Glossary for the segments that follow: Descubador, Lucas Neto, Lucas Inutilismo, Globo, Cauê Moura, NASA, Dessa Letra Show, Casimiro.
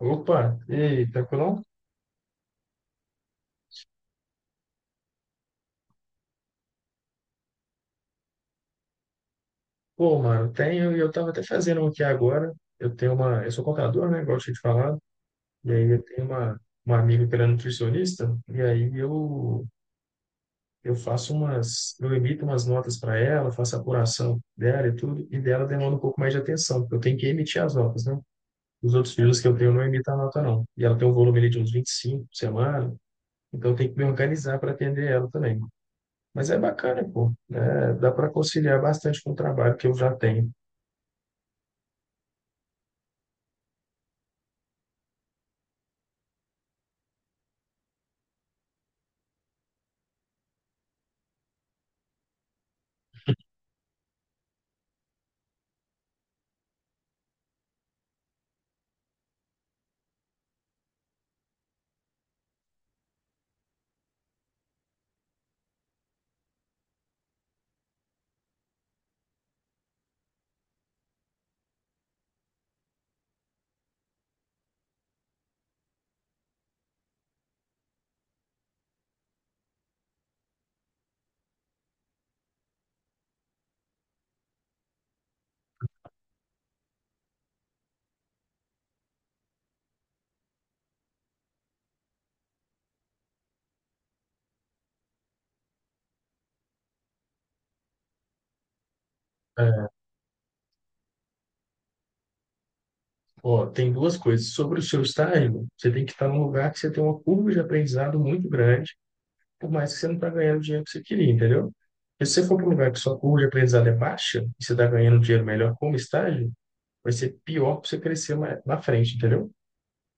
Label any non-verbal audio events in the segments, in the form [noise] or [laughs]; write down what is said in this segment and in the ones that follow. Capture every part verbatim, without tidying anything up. Opa, e aí, tranquilão? Pô, mano, eu tenho, e eu tava até fazendo um aqui agora. Eu tenho uma, eu sou contador, né? Igual eu tinha te falado. E aí eu tenho uma, uma amiga que ela é nutricionista, e aí eu, eu faço umas, eu emito umas notas para ela, faço a apuração dela e tudo, e dela demanda um pouco mais de atenção, porque eu tenho que emitir as notas, né? Os outros filhos que eu tenho não emitem a nota, não. E ela tem um volume ali de uns vinte e cinco por semana, então eu tenho que me organizar para atender ela também. Mas é bacana, pô, né? Dá para conciliar bastante com o trabalho que eu já tenho. É. Ó, tem duas coisas. Sobre o seu estágio, você tem que estar num lugar que você tem uma curva de aprendizado muito grande, por mais que você não está ganhando o dinheiro que você queria, entendeu? Porque se você for para um lugar que sua curva de aprendizado é baixa, e você está ganhando dinheiro melhor como estágio, vai ser pior para você crescer mais na frente, entendeu?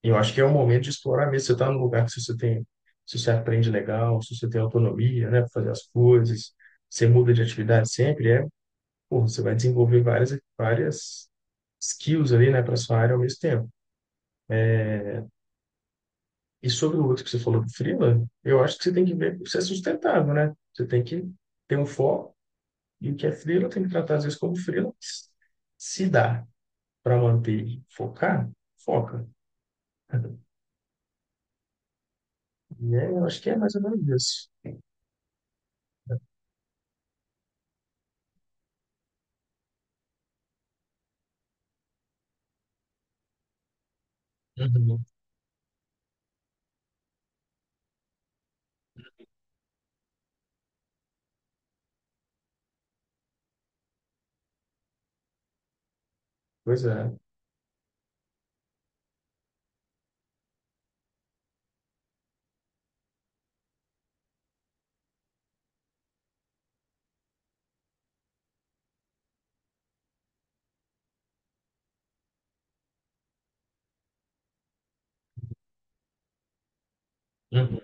E eu acho que é o momento de explorar mesmo. Você está num lugar que se você tem, se você aprende legal, se você tem autonomia, né, para fazer as coisas, você muda de atividade sempre, é, pô, você vai desenvolver várias, várias skills ali, né, para sua área ao mesmo tempo. E sobre o outro que você falou do freela, eu acho que você tem que ver se é sustentável, né? Você tem que ter um foco e o que é freela tem que tratar às vezes como freela. Se dá para manter e focar, foca. E é, eu acho que é mais ou menos isso. Uhum. Pois é. Uhum.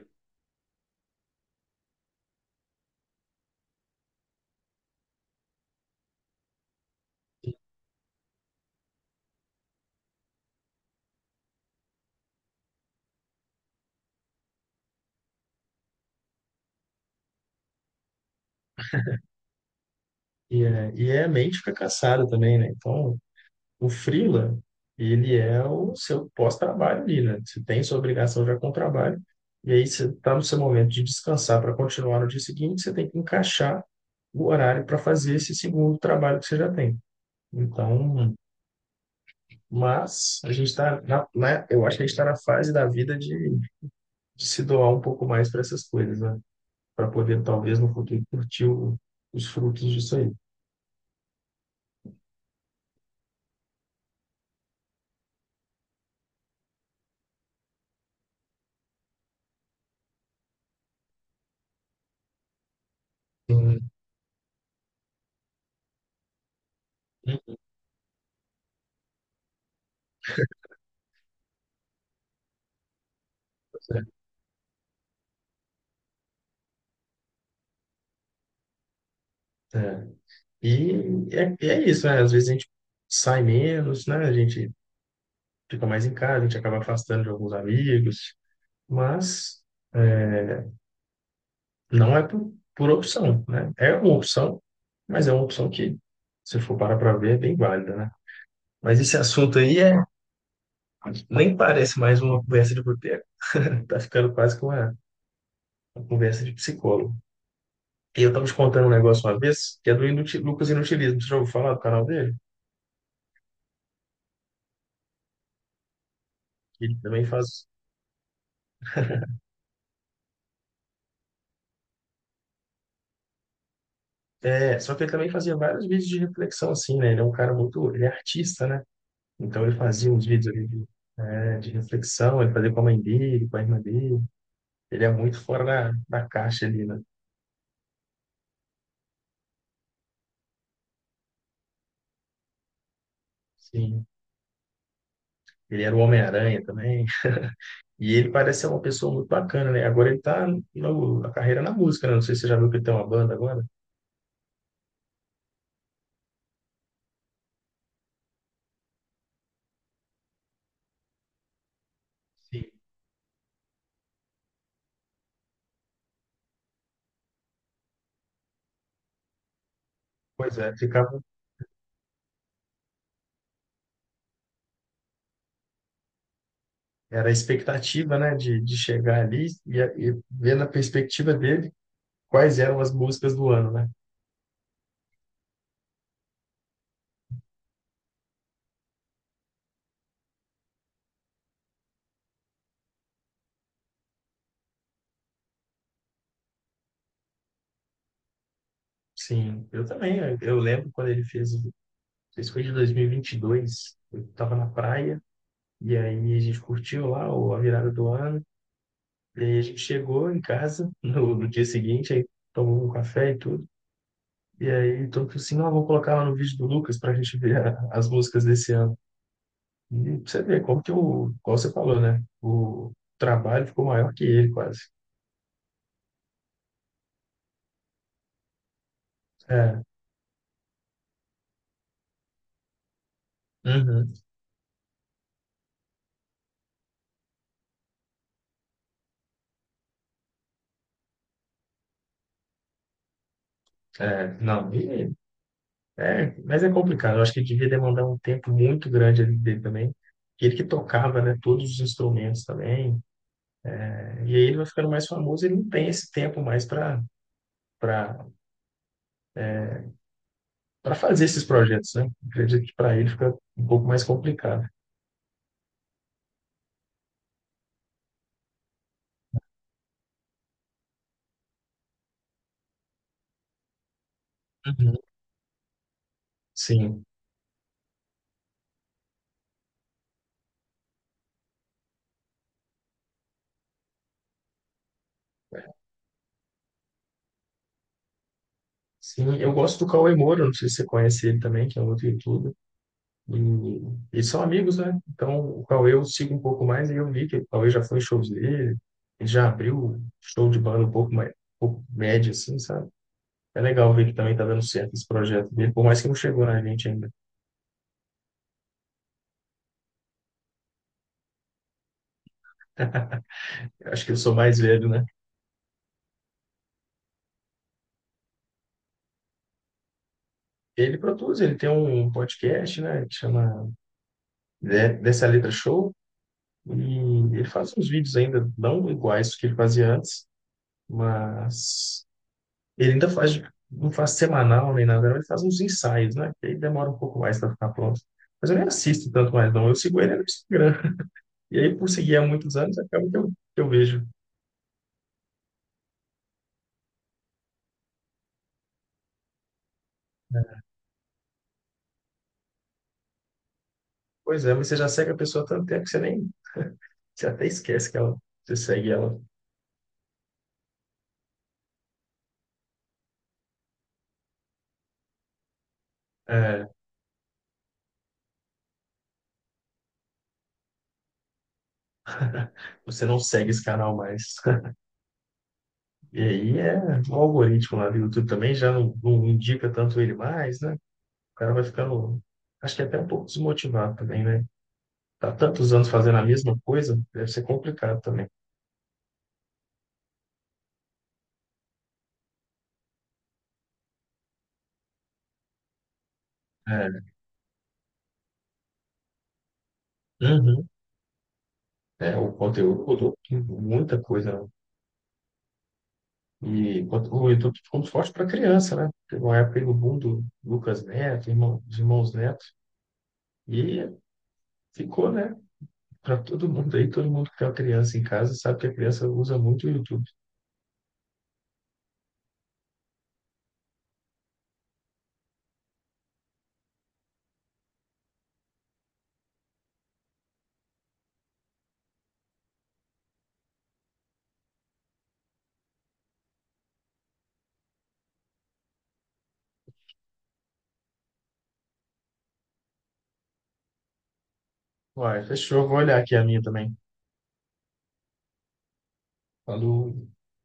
E, é, e é, a mente fica cansada também, né? Então, o freela, ele é o seu pós-trabalho ali, né? Você tem sua obrigação já com o trabalho, e aí você está no seu momento de descansar para continuar no dia seguinte, você tem que encaixar o horário para fazer esse segundo trabalho que você já tem. Então, mas a gente está na, né? Eu acho que a gente está na fase da vida de, de se doar um pouco mais para essas coisas, né? Para poder, talvez, no futuro, curtir o- os frutos disso aí. Sim. Sim, pois É. É. E é, e é isso, né? Às vezes a gente sai menos, né? A gente fica mais em casa, a gente acaba afastando de alguns amigos, mas é, não é por, por opção, né? É uma opção, mas é uma opção que, se for parar para ver, é bem válida, né? Mas esse assunto aí é, nem parece mais uma conversa de boteco. [laughs] Tá ficando quase que uma, uma conversa de psicólogo. E eu tava te contando um negócio uma vez, que é do Inuti- Lucas Inutilismo. Você já ouviu falar do canal dele? Ele também faz. É, só que ele também fazia vários vídeos de reflexão, assim, né? Ele é um cara muito, ele é artista, né? Então ele fazia uns vídeos ali de, é, de reflexão, ele fazia com a mãe dele, com a irmã dele. Ele é muito fora da, da caixa ali, né? Sim. Ele era o Homem-Aranha também. E ele parece ser uma pessoa muito bacana, né? Agora ele tá no, na carreira na música, né? Não sei se você já viu que ele tem uma banda agora. Sim. Pois é, ficava, era a expectativa, né, de, de chegar ali e, e ver na perspectiva dele quais eram as músicas do ano, né? Sim, eu também. Eu eu lembro quando ele fez, o- fez foi de dois mil e vinte e dois. Eu estava na praia e aí a gente curtiu lá o- a virada do ano. E aí a gente chegou em casa [laughs] no, no dia seguinte, aí tomou um café e tudo. E aí todo mundo falou assim, não, vou colocar lá no vídeo do Lucas para a gente ver a- as músicas desse ano. E pra você ver como que o, como você falou, né? O trabalho ficou maior que ele quase. É, uhum, é, não, e é, mas é complicado. Eu acho que devia demandar um tempo muito grande ali dele também. Ele que tocava, né, todos os instrumentos também. Né? E aí ele vai ficando mais famoso, ele não tem esse tempo mais para para para fazer esses projetos, né? Acredito que para ele fica um pouco mais complicado. Uhum. Sim. Sim, eu gosto do Cauê Moura, não sei se você conhece ele também, que é um outro youtuber. E eles são amigos, né? Então o Cauê eu sigo um pouco mais e eu vi que o Cauê já foi em shows dele, ele já abriu show de banda um pouco mais, um pouco médio, assim, sabe? É legal ver que também tá dando certo esse projeto dele, por mais que não chegou na gente ainda. Acho que eu sou mais velho, né? Ele produz, ele tem um podcast, né, que chama De- Dessa Letra Show, e ele faz uns vídeos ainda não iguais do que ele fazia antes, mas ele ainda faz, não faz semanal nem nada, não, ele faz uns ensaios, né? Que aí demora um pouco mais para ficar pronto. Mas eu nem assisto tanto mais, não. Eu sigo ele no Instagram. E aí, por seguir há muitos anos, acaba que eu, que eu vejo. Pois é, mas você já segue a pessoa há tanto tempo que você nem. Você até esquece que ela, você segue ela. É, você não segue esse canal mais. [laughs] E aí é o algoritmo lá do YouTube também já não, não indica tanto ele mais, né? O cara vai ficando, acho que até um pouco desmotivado também, né? Tá tantos anos fazendo a mesma coisa, deve ser complicado também. É, uhum. É, o conteúdo mudou muita coisa, né? E quanto- o YouTube ficou muito forte para criança, né? Teve uma época aí no boom do Lucas Neto, irmão, dos irmãos Neto, e ficou, né? Para todo mundo aí, todo mundo que tem uma criança em casa sabe que a criança usa muito o YouTube. Uai, fechou. Vou olhar aqui a minha também. Quando